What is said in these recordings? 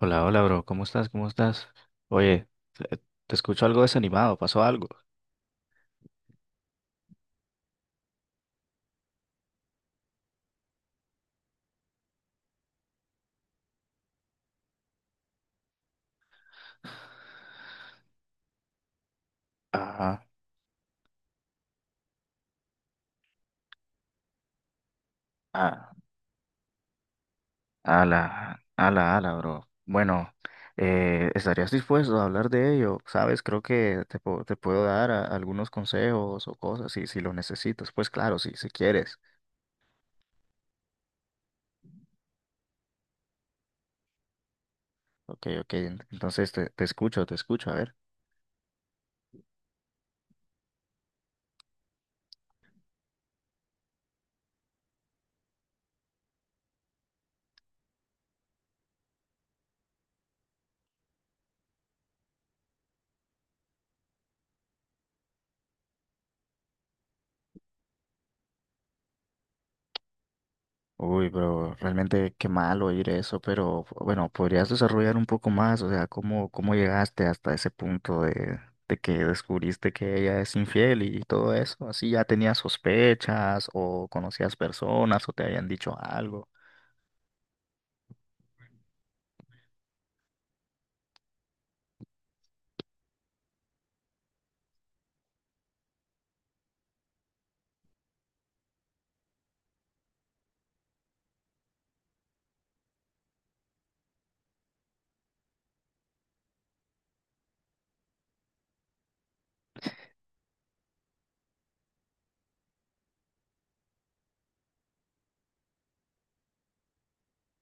Hola, hola, bro. ¿Cómo estás? ¿Cómo estás? Oye, te te escucho algo desanimado. ¿Pasó algo? Ah, ah, ala, ala, ala, bro. Bueno, ¿estarías dispuesto a hablar de ello? Sabes, creo que te puedo dar algunos consejos o cosas si, si lo necesitas. Pues claro, si, si quieres. Ok, ok, entonces te, te escucho, a ver. Uy, pero realmente qué mal oír eso, pero bueno, ¿podrías desarrollar un poco más? O sea, ¿cómo, cómo llegaste hasta ese punto de que descubriste que ella es infiel y todo eso? ¿Así ya tenías sospechas o conocías personas o te habían dicho algo?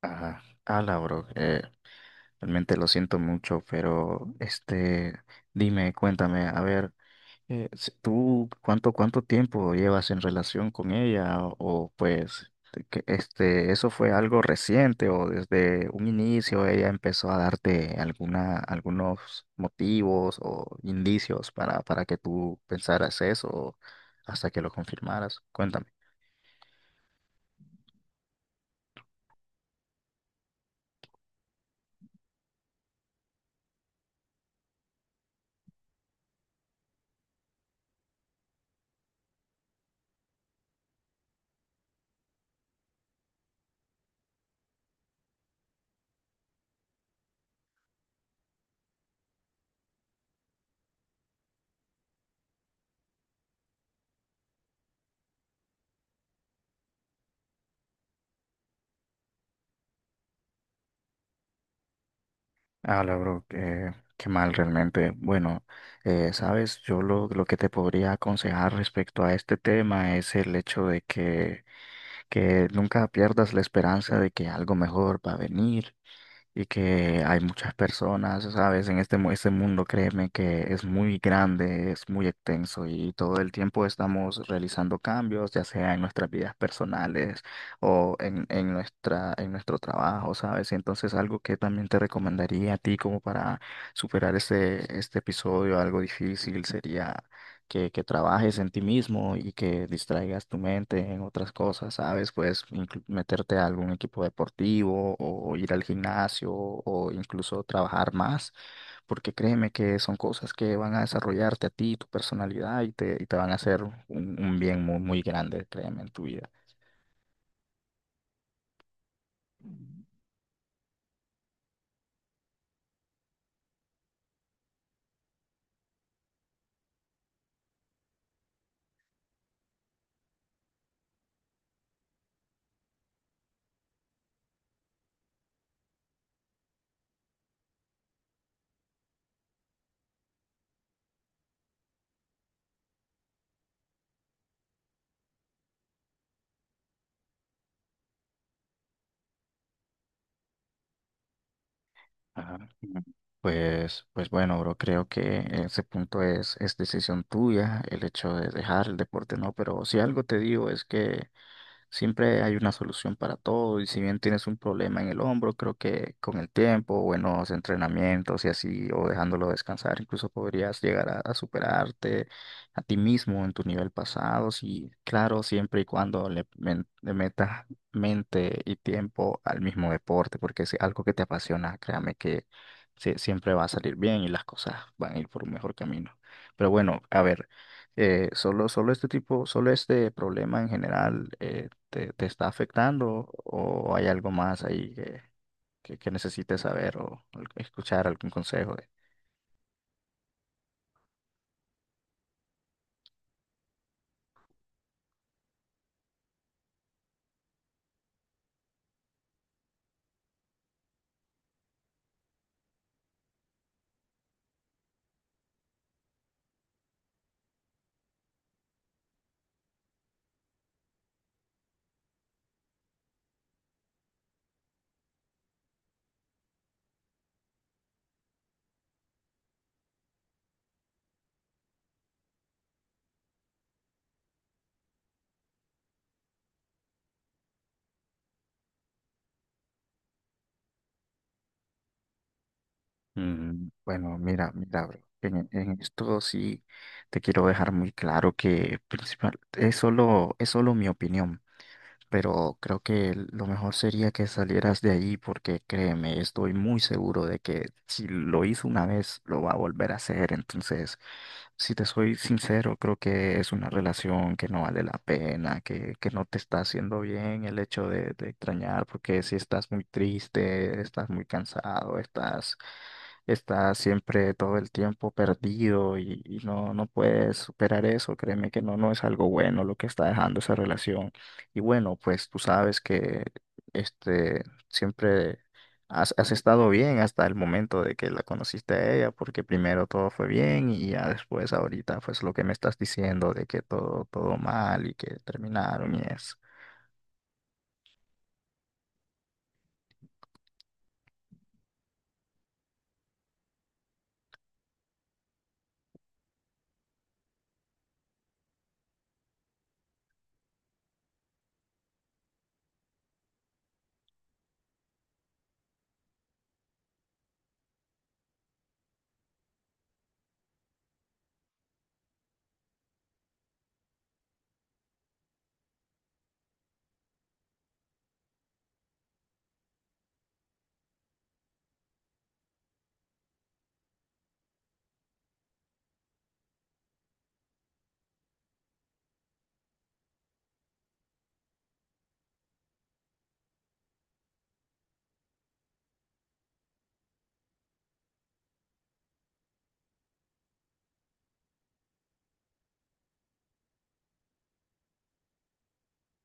Ajá, ala, bro, realmente lo siento mucho, pero este, dime, cuéntame, a ver. ¿Tú cuánto, cuánto tiempo llevas en relación con ella? O, pues, este, ¿eso fue algo reciente o desde un inicio ella empezó a darte alguna, algunos motivos o indicios para que tú pensaras eso o hasta que lo confirmaras? Cuéntame. Ah, la bro, qué, qué mal realmente. Bueno, sabes, yo lo que te podría aconsejar respecto a este tema es el hecho de que nunca pierdas la esperanza de que algo mejor va a venir y que hay muchas personas, ¿sabes? En este mundo, créeme que es muy grande, es muy extenso y todo el tiempo estamos realizando cambios, ya sea en nuestras vidas personales o en nuestra, en nuestro trabajo, ¿sabes? Y entonces algo que también te recomendaría a ti como para superar este, este episodio, algo difícil, sería que trabajes en ti mismo y que distraigas tu mente en otras cosas, ¿sabes? Puedes meterte a algún equipo deportivo o ir al gimnasio o incluso trabajar más, porque créeme que son cosas que van a desarrollarte a ti, tu personalidad y te van a hacer un bien muy, muy grande, créeme, en tu vida. Ajá. Mm. Pues, pues bueno, bro, creo que ese punto es decisión tuya, el hecho de dejar el deporte, ¿no? Pero si algo te digo es que siempre hay una solución para todo y si bien tienes un problema en el hombro, creo que con el tiempo, buenos entrenamientos y así, o dejándolo descansar, incluso podrías llegar a superarte a ti mismo en tu nivel pasado, sí, claro, siempre y cuando le metas mente y tiempo al mismo deporte, porque si algo que te apasiona, créame que sí, siempre va a salir bien y las cosas van a ir por un mejor camino. Pero bueno, a ver, solo, solo este problema en general te, te está afectando o hay algo más ahí que necesites saber o escuchar algún consejo de- Mm, bueno, mira, mira, bro, en esto sí te quiero dejar muy claro que principal, es solo mi opinión. Pero creo que lo mejor sería que salieras de allí porque créeme, estoy muy seguro de que si lo hizo una vez, lo va a volver a hacer. Entonces, si te soy sincero, creo que es una relación que no vale la pena, que no te está haciendo bien el hecho de extrañar, porque si estás muy triste, estás muy cansado, estás, estás siempre todo el tiempo perdido y no, no puedes superar eso, créeme que no, no es algo bueno lo que está dejando esa relación. Y bueno, pues tú sabes que este siempre has, has estado bien hasta el momento de que la conociste a ella, porque primero todo fue bien y ya después ahorita pues lo que me estás diciendo de que todo, todo mal y que terminaron y eso.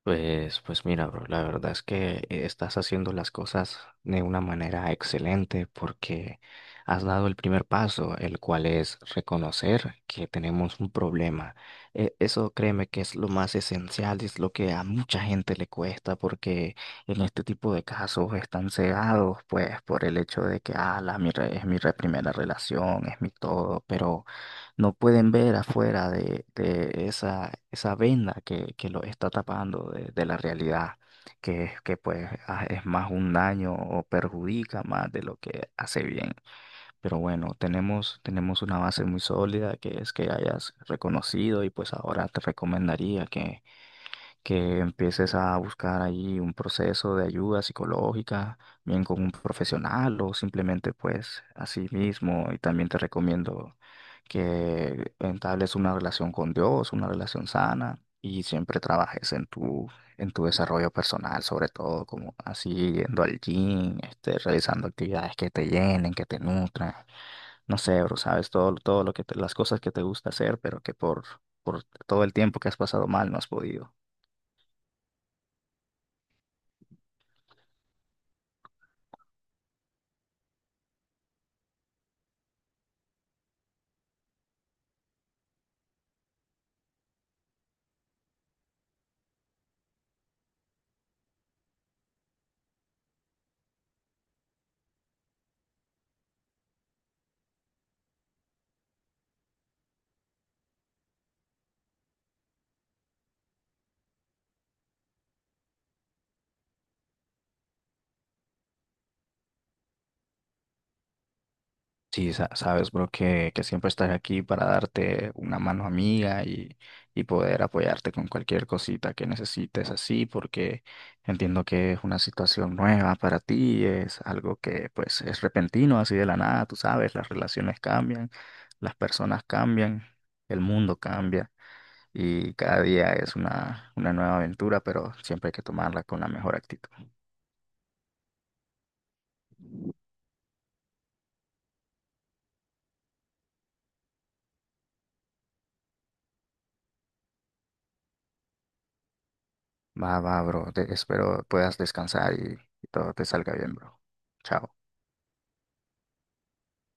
Pues, pues mira, bro, la verdad es que estás haciendo las cosas de una manera excelente porque has dado el primer paso, el cual es reconocer que tenemos un problema. Eso créeme que es lo más esencial, es lo que a mucha gente le cuesta porque en este tipo de casos están cegados pues por el hecho de que, ah, es primera relación, es mi todo, pero no pueden ver afuera de esa, esa venda que los está tapando de la realidad, que, es que pues ah, es más un daño o perjudica más de lo que hace bien. Pero bueno, tenemos, tenemos una base muy sólida que es que hayas reconocido y pues ahora te recomendaría que empieces a buscar ahí un proceso de ayuda psicológica, bien con un profesional o simplemente pues a sí mismo. Y también te recomiendo que entables una relación con Dios, una relación sana y siempre trabajes en tu desarrollo personal, sobre todo como así yendo al gym, este, realizando actividades que te llenen, que te nutran. No sé, bro, sabes todo, todo lo que las cosas que te gusta hacer, pero que por todo el tiempo que has pasado mal no has podido. Sí, sabes, bro, que siempre estás aquí para darte una mano amiga y poder apoyarte con cualquier cosita que necesites así, porque entiendo que es una situación nueva para ti, es algo que pues es repentino, así de la nada, tú sabes, las relaciones cambian, las personas cambian, el mundo cambia. Y cada día es una nueva aventura, pero siempre hay que tomarla con la mejor actitud. Va, va, bro. Espero puedas descansar y todo te salga bien, bro. Chao.